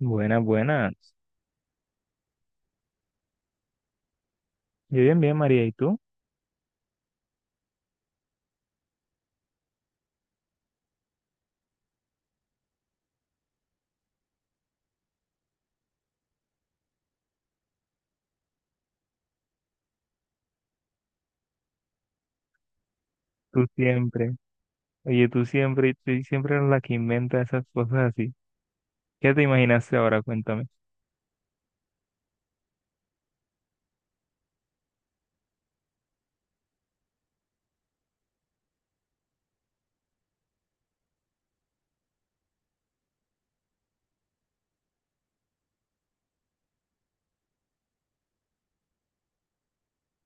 Buenas, buenas. Yo bien, bien, María. ¿Y tú? Tú siempre. Oye, tú siempre eres la que inventa esas cosas así. ¿Qué te imaginaste ahora? Cuéntame.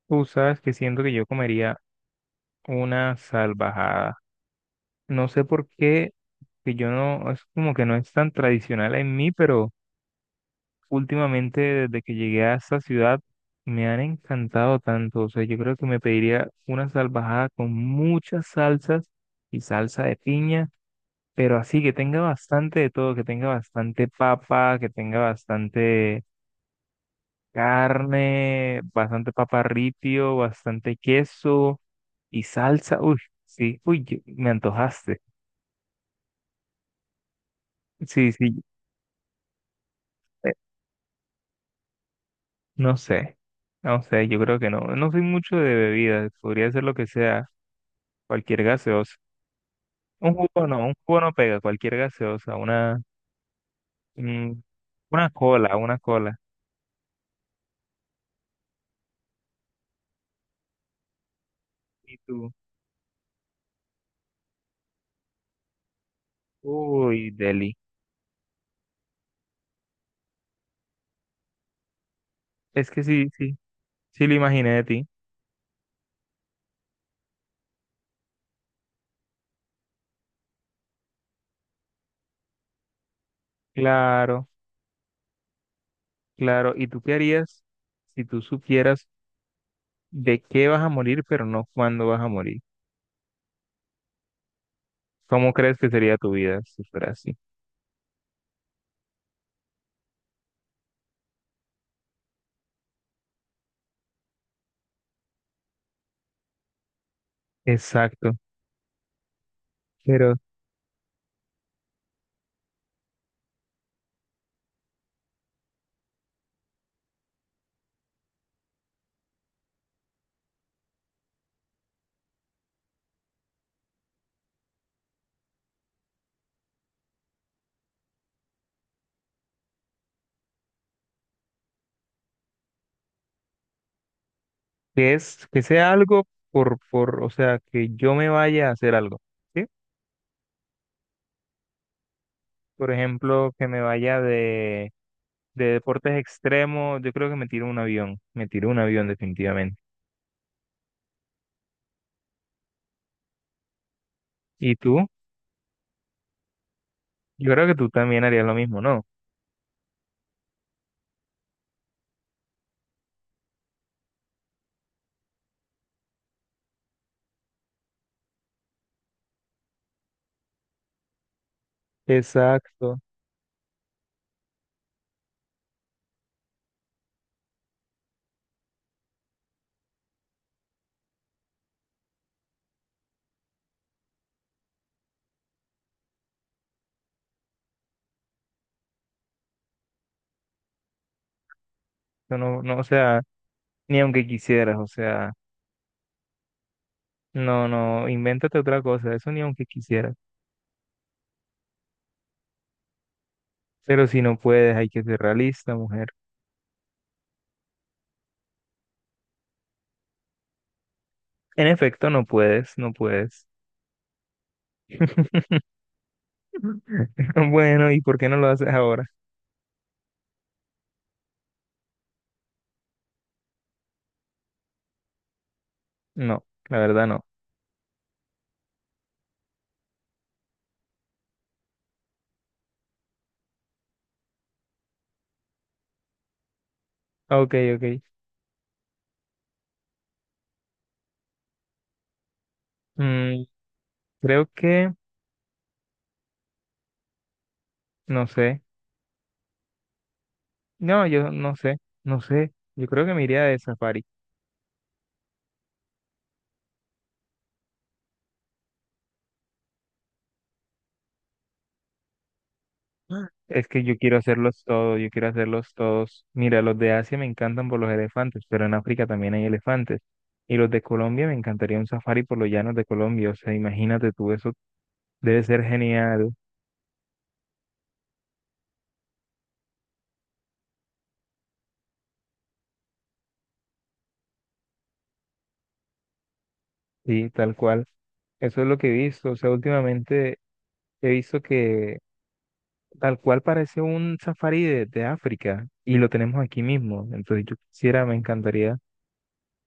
Tú sabes que siento que yo comería una salvajada. No sé por qué, que yo no, es como que no es tan tradicional en mí, pero últimamente desde que llegué a esta ciudad me han encantado tanto. O sea, yo creo que me pediría una salvajada con muchas salsas y salsa de piña. Pero así que tenga bastante de todo, que tenga bastante papa, que tenga bastante carne, bastante papa ripio, bastante queso y salsa. Uy, sí, uy, me antojaste. Sí, sí, eh, no sé, yo creo que no. No soy mucho de bebidas, podría ser lo que sea, cualquier gaseosa. Un jugo no pega, cualquier gaseosa, una, mm, una cola, una cola. ¿Y tú? Uy, deli. Es que sí, sí, sí lo imaginé de ti. Claro, claro. ¿Y tú qué harías si tú supieras de qué vas a morir, pero no cuándo vas a morir? ¿Cómo crees que sería tu vida si fuera así? Exacto. Pero que es que sea algo o sea, que yo me vaya a hacer algo, ¿sí? Por ejemplo, que me vaya de deportes extremos. Yo creo que me tiro un avión. Me tiro un avión definitivamente. ¿Y tú? Yo creo que tú también harías lo mismo, ¿no? Exacto. Yo no, no, o sea, ni aunque quisieras, o sea. No, no, invéntate otra cosa, eso ni aunque quisieras. Pero si no puedes, hay que ser realista, mujer. En efecto, no puedes, no puedes. Bueno, ¿y por qué no lo haces ahora? No, la verdad no. Ok, ok. Mm, creo que, no sé. No, yo no sé, no sé. Yo creo que me iría de safari. Es que yo quiero hacerlos todos, yo quiero hacerlos todos. Mira, los de Asia me encantan por los elefantes, pero en África también hay elefantes. Y los de Colombia, me encantaría un safari por los llanos de Colombia. O sea, imagínate tú, eso debe ser genial, sí, tal cual. Eso es lo que he visto. O sea, últimamente he visto que tal cual parece un safari de África y lo tenemos aquí mismo. Entonces yo quisiera, me encantaría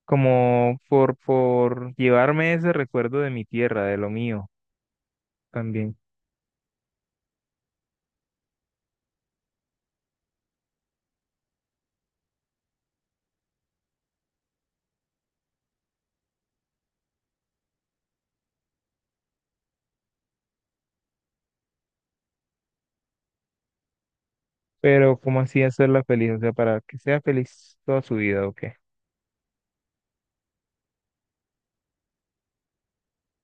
como por llevarme ese recuerdo de mi tierra, de lo mío también. Pero, ¿cómo así hacerla feliz? O sea, para que sea feliz toda su vida, ¿o qué?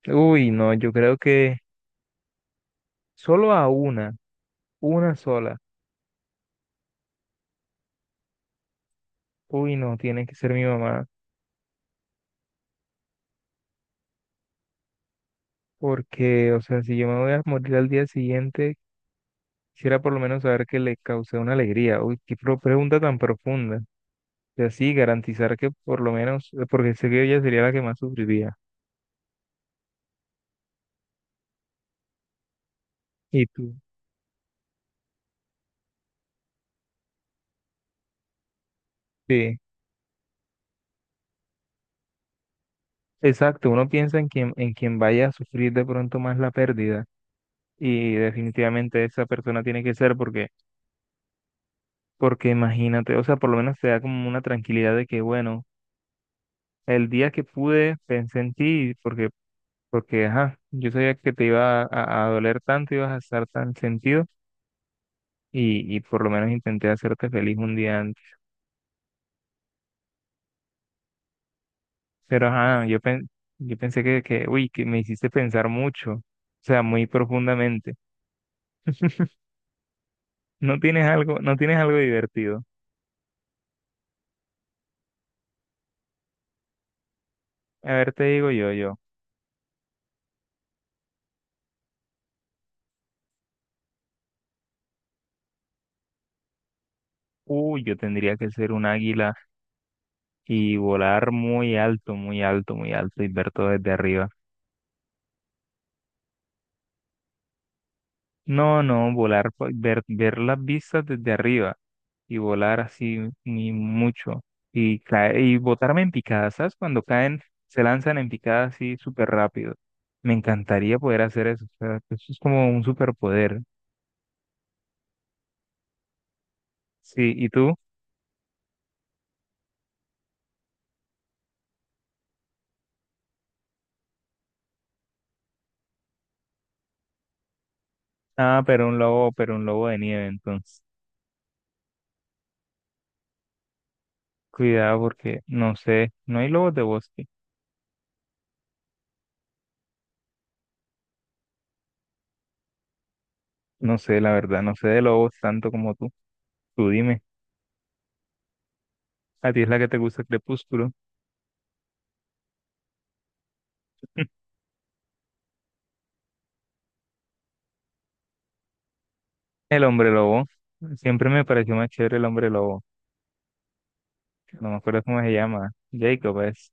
Uy, no, yo creo que solo a una sola. Uy, no, tiene que ser mi mamá. Porque, o sea, si yo me voy a morir al día siguiente, quisiera por lo menos saber que le causé una alegría. Uy, qué pregunta tan profunda. Y así garantizar que por lo menos, porque sé que ella sería la que más sufriría. ¿Y tú? Sí, exacto. Uno piensa en quien vaya a sufrir de pronto más la pérdida. Y definitivamente esa persona tiene que ser porque... Porque imagínate, o sea, por lo menos te da como una tranquilidad de que, bueno, el día que pude pensé en ti, porque, ajá, yo sabía que te iba a doler tanto, ibas a estar tan sentido, y por lo menos intenté hacerte feliz un día antes. Pero, ajá, yo, yo pensé que, uy, que me hiciste pensar mucho, o sea, muy profundamente. No tienes algo, no tienes algo divertido. A ver, te digo yo, yo, uy, yo tendría que ser un águila y volar muy alto, muy alto, muy alto y ver todo desde arriba. No, no, volar, ver, ver las vistas desde arriba y volar así ni mucho y caer, y botarme en picadas, ¿sabes? Cuando caen, se lanzan en picada así súper rápido. Me encantaría poder hacer eso, o sea, eso es como un superpoder. Sí, ¿y tú? Ah, pero un lobo de nieve, entonces. Cuidado porque no sé, no hay lobos de bosque. No sé, la verdad, no sé de lobos tanto como tú. Tú dime, ¿a ti es la que te gusta Crepúsculo? El hombre lobo. Siempre me pareció más chévere el hombre lobo. No me acuerdo cómo se llama. Jacob es.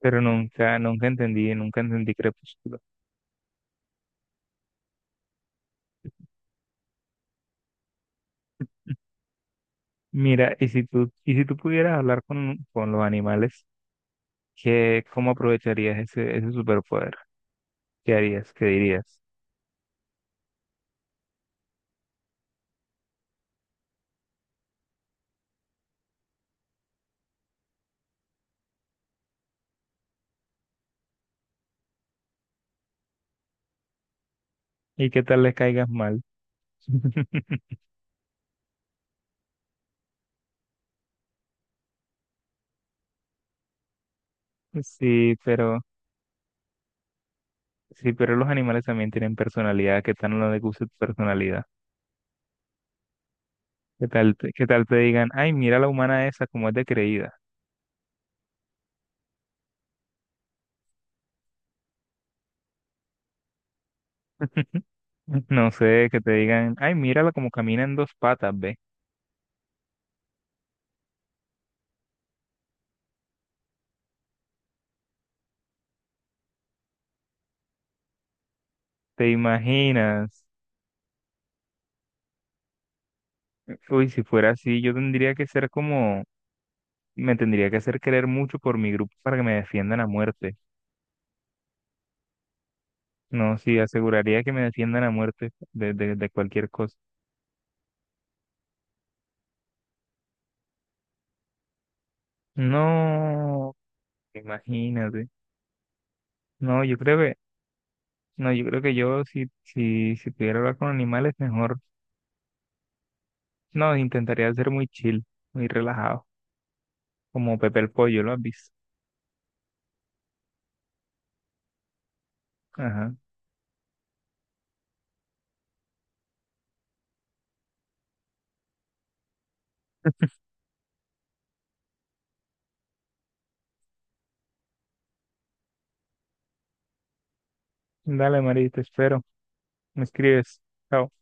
Pero nunca, nunca entendí, nunca entendí Crepúsculo. Mira, y si tú pudieras hablar con los animales, ¿qué, cómo aprovecharías ese, ese superpoder? ¿Qué harías? ¿Qué dirías? ¿Y qué tal les caigas mal? Sí, pero, sí, pero los animales también tienen personalidad. ¿Qué tal no les gusta tu personalidad? ¿Qué tal, qué tal te digan, ay, mira la humana esa, como es de creída? No sé, que te digan, ay, mírala como camina en dos patas, ve. ¿Te imaginas? Uy, si fuera así, yo tendría que ser como, me tendría que hacer querer mucho por mi grupo para que me defiendan a muerte. No, sí, aseguraría que me defiendan a muerte de cualquier cosa. No, imagínate. No, yo creo que, no, yo creo que yo si, si, si pudiera hablar con animales, mejor. No, intentaría ser muy chill, muy relajado, como Pepe el Pollo, ¿lo has visto? Ajá. Dale, María, te espero. Me escribes. Chao.